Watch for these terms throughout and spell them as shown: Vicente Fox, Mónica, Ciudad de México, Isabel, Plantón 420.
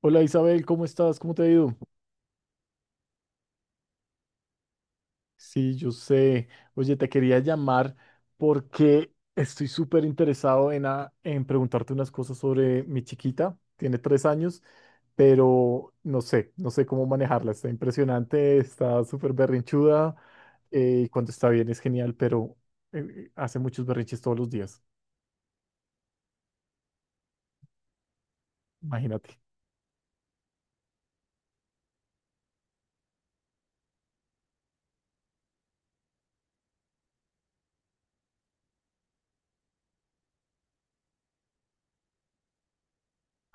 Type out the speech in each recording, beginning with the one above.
Hola Isabel, ¿cómo estás? ¿Cómo te ha ido? Sí, yo sé. Oye, te quería llamar porque estoy súper interesado en preguntarte unas cosas sobre mi chiquita. Tiene 3 años, pero no sé cómo manejarla. Está impresionante, está súper berrinchuda cuando está bien es genial, pero hace muchos berrinches todos los días. Imagínate.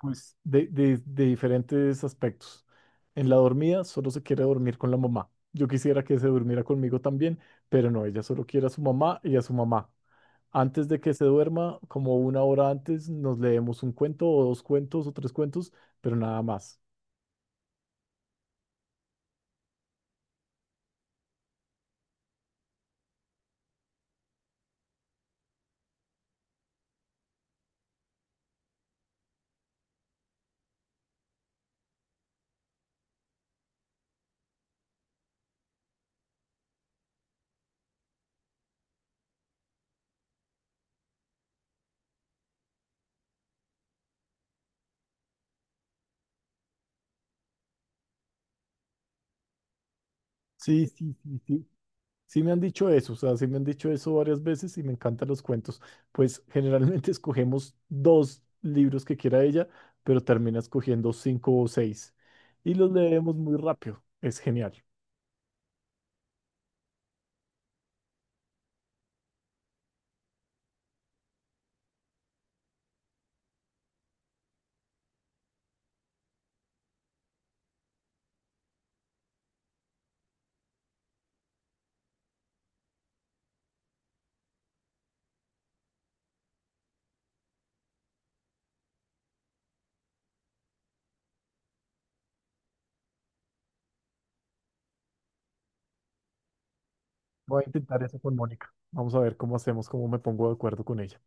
Pues de diferentes aspectos. En la dormida solo se quiere dormir con la mamá. Yo quisiera que se durmiera conmigo también, pero no, ella solo quiere a su mamá y a su mamá. Antes de que se duerma, como una hora antes, nos leemos un cuento o dos cuentos o tres cuentos, pero nada más. Sí, sí, sí, sí. Sí me han dicho eso, o sea, sí me han dicho eso varias veces y me encantan los cuentos. Pues generalmente escogemos dos libros que quiera ella, pero termina escogiendo cinco o seis y los leemos muy rápido. Es genial. Voy a intentar eso con Mónica. Vamos a ver cómo hacemos, cómo me pongo de acuerdo con ella.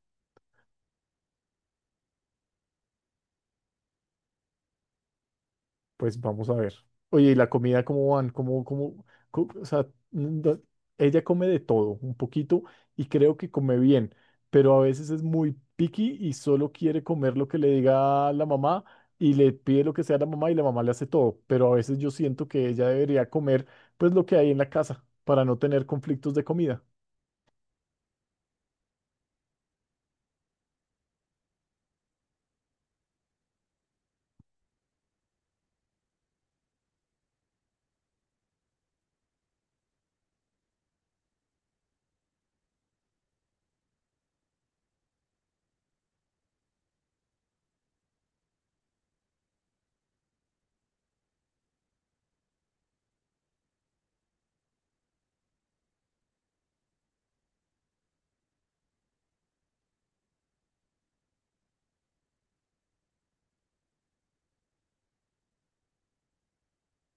Pues vamos a ver. Oye, ¿y la comida cómo van? ¿Cómo? O sea, mm, do- ella come de todo, un poquito, y creo que come bien, pero a veces es muy picky y solo quiere comer lo que le diga la mamá y le pide lo que sea a la mamá y la mamá le hace todo, pero a veces yo siento que ella debería comer pues lo que hay en la casa para no tener conflictos de comida.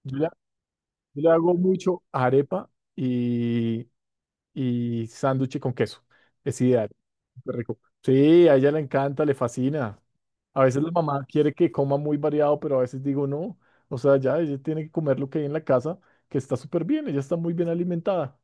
Yo le, yo le hago mucho arepa y y sándwich con queso. Es ideal. Súper rico. Sí, a ella le encanta, le fascina. A veces la mamá quiere que coma muy variado, pero a veces digo no. O sea, ya ella tiene que comer lo que hay en la casa, que está súper bien, ella está muy bien alimentada.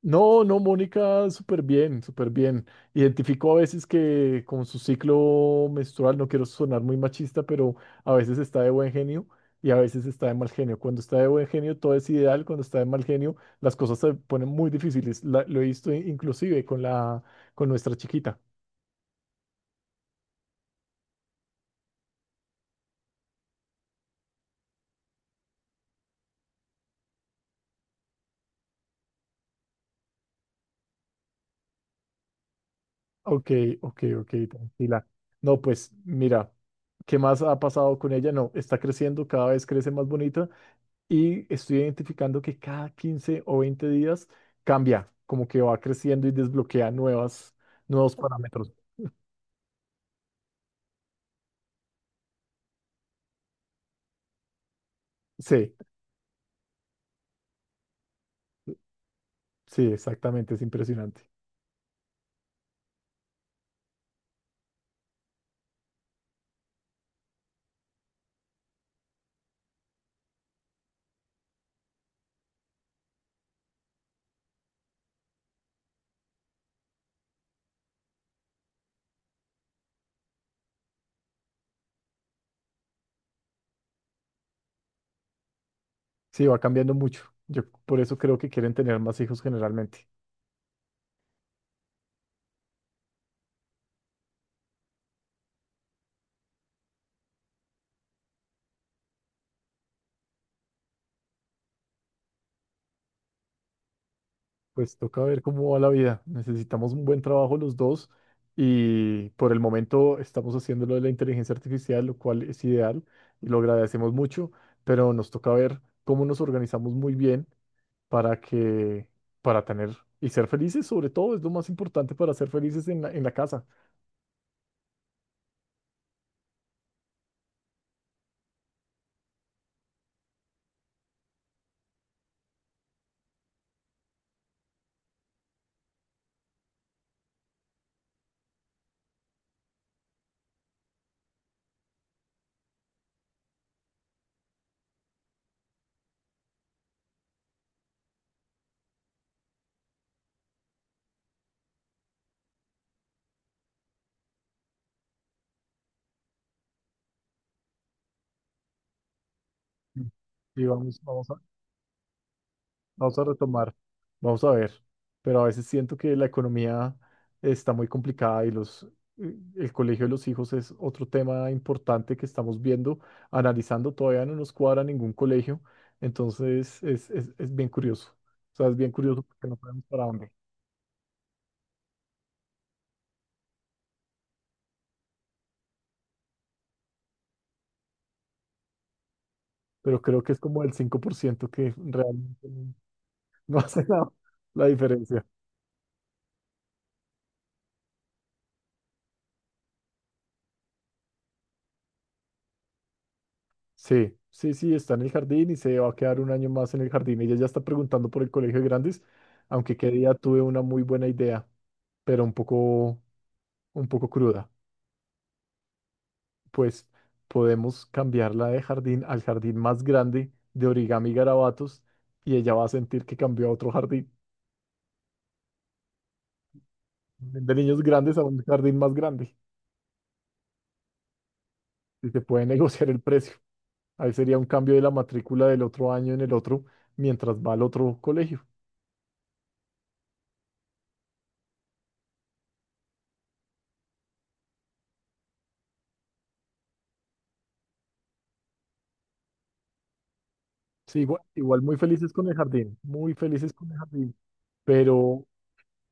No, no, Mónica, súper bien, súper bien. Identifico a veces que con su ciclo menstrual, no quiero sonar muy machista, pero a veces está de buen genio y a veces está de mal genio. Cuando está de buen genio todo es ideal, cuando está de mal genio las cosas se ponen muy difíciles. Lo he visto inclusive con con nuestra chiquita. Ok, ok, ok, tranquila. No, pues mira, ¿qué más ha pasado con ella? No, está creciendo, cada vez crece más bonita. Y estoy identificando que cada 15 o 20 días cambia, como que va creciendo y desbloquea nuevos parámetros. Sí, sí, exactamente, es impresionante. Sí, va cambiando mucho. Yo por eso creo que quieren tener más hijos generalmente. Pues toca ver cómo va la vida. Necesitamos un buen trabajo los dos y por el momento estamos haciendo lo de la inteligencia artificial, lo cual es ideal y lo agradecemos mucho, pero nos toca ver cómo nos organizamos muy bien para que, para tener y ser felices, sobre todo, es lo más importante para ser felices en la casa. Mm. Y vamos, vamos a Vamos a retomar, vamos a ver, pero a veces siento que la economía está muy complicada y el colegio de los hijos es otro tema importante que estamos viendo, analizando, todavía no nos cuadra ningún colegio, entonces es bien curioso, o sea, es bien curioso porque no sabemos para dónde, pero creo que es como el 5% que realmente no no hace la diferencia. Sí, sí, sí, está en el jardín y se va a quedar un año más en el jardín. Ella ya está preguntando por el colegio de grandes, aunque qué día tuve una muy buena idea, pero un poco cruda. Pues podemos cambiarla de jardín al jardín más grande de origami y garabatos y ella va a sentir que cambió a otro jardín, de niños grandes a un jardín más grande. Y se puede negociar el precio. Ahí sería un cambio de la matrícula del otro año en el otro mientras va al otro colegio. Sí, igual, igual muy felices con el jardín, muy felices con el jardín, pero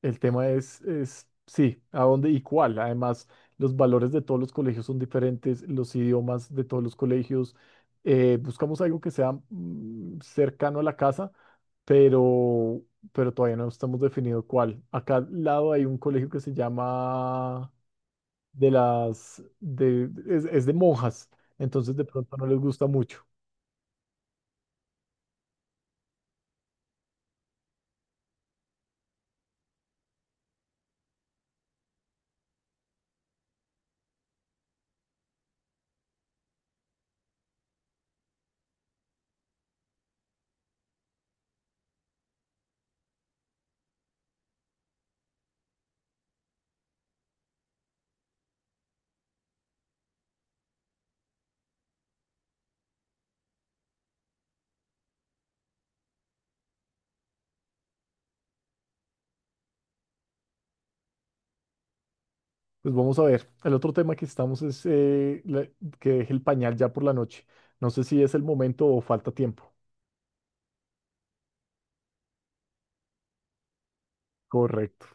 el tema es, sí, a dónde y cuál. Además, los valores de todos los colegios son diferentes, los idiomas de todos los colegios. Buscamos algo que sea cercano a la casa, pero, pero, todavía no estamos definido cuál. Acá al lado hay un colegio que se llama de las, de, es de monjas, entonces de pronto no les gusta mucho. Pues vamos a ver. El otro tema que estamos es que deje el pañal ya por la noche. No sé si es el momento o falta tiempo. Correcto.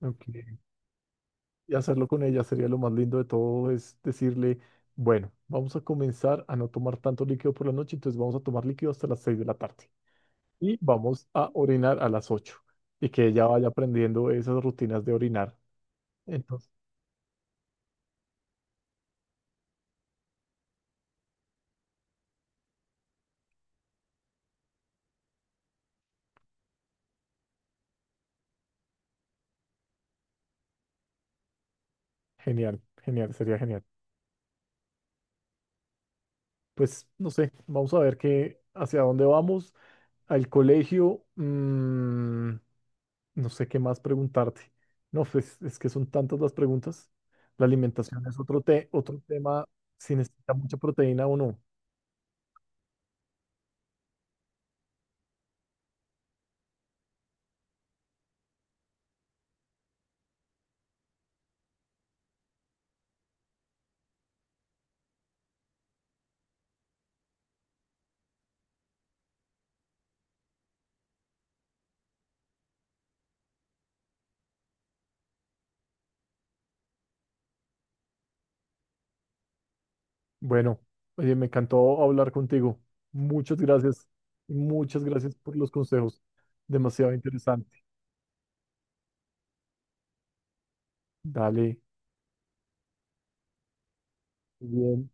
Ok. Y hacerlo con ella sería lo más lindo de todo, es decirle, bueno, vamos a comenzar a no tomar tanto líquido por la noche, entonces vamos a tomar líquido hasta las 6 de la tarde y vamos a orinar a las 8 y que ella vaya aprendiendo esas rutinas de orinar. Entonces, genial, genial, sería genial. Pues no sé, vamos a ver qué, hacia dónde vamos. Al colegio, no sé qué más preguntarte. No, pues es que son tantas las preguntas. La alimentación es otro tema, si necesita mucha proteína o no. Bueno, oye, me encantó hablar contigo. Muchas gracias, muchas gracias por los consejos. Demasiado interesante. Dale, muy bien.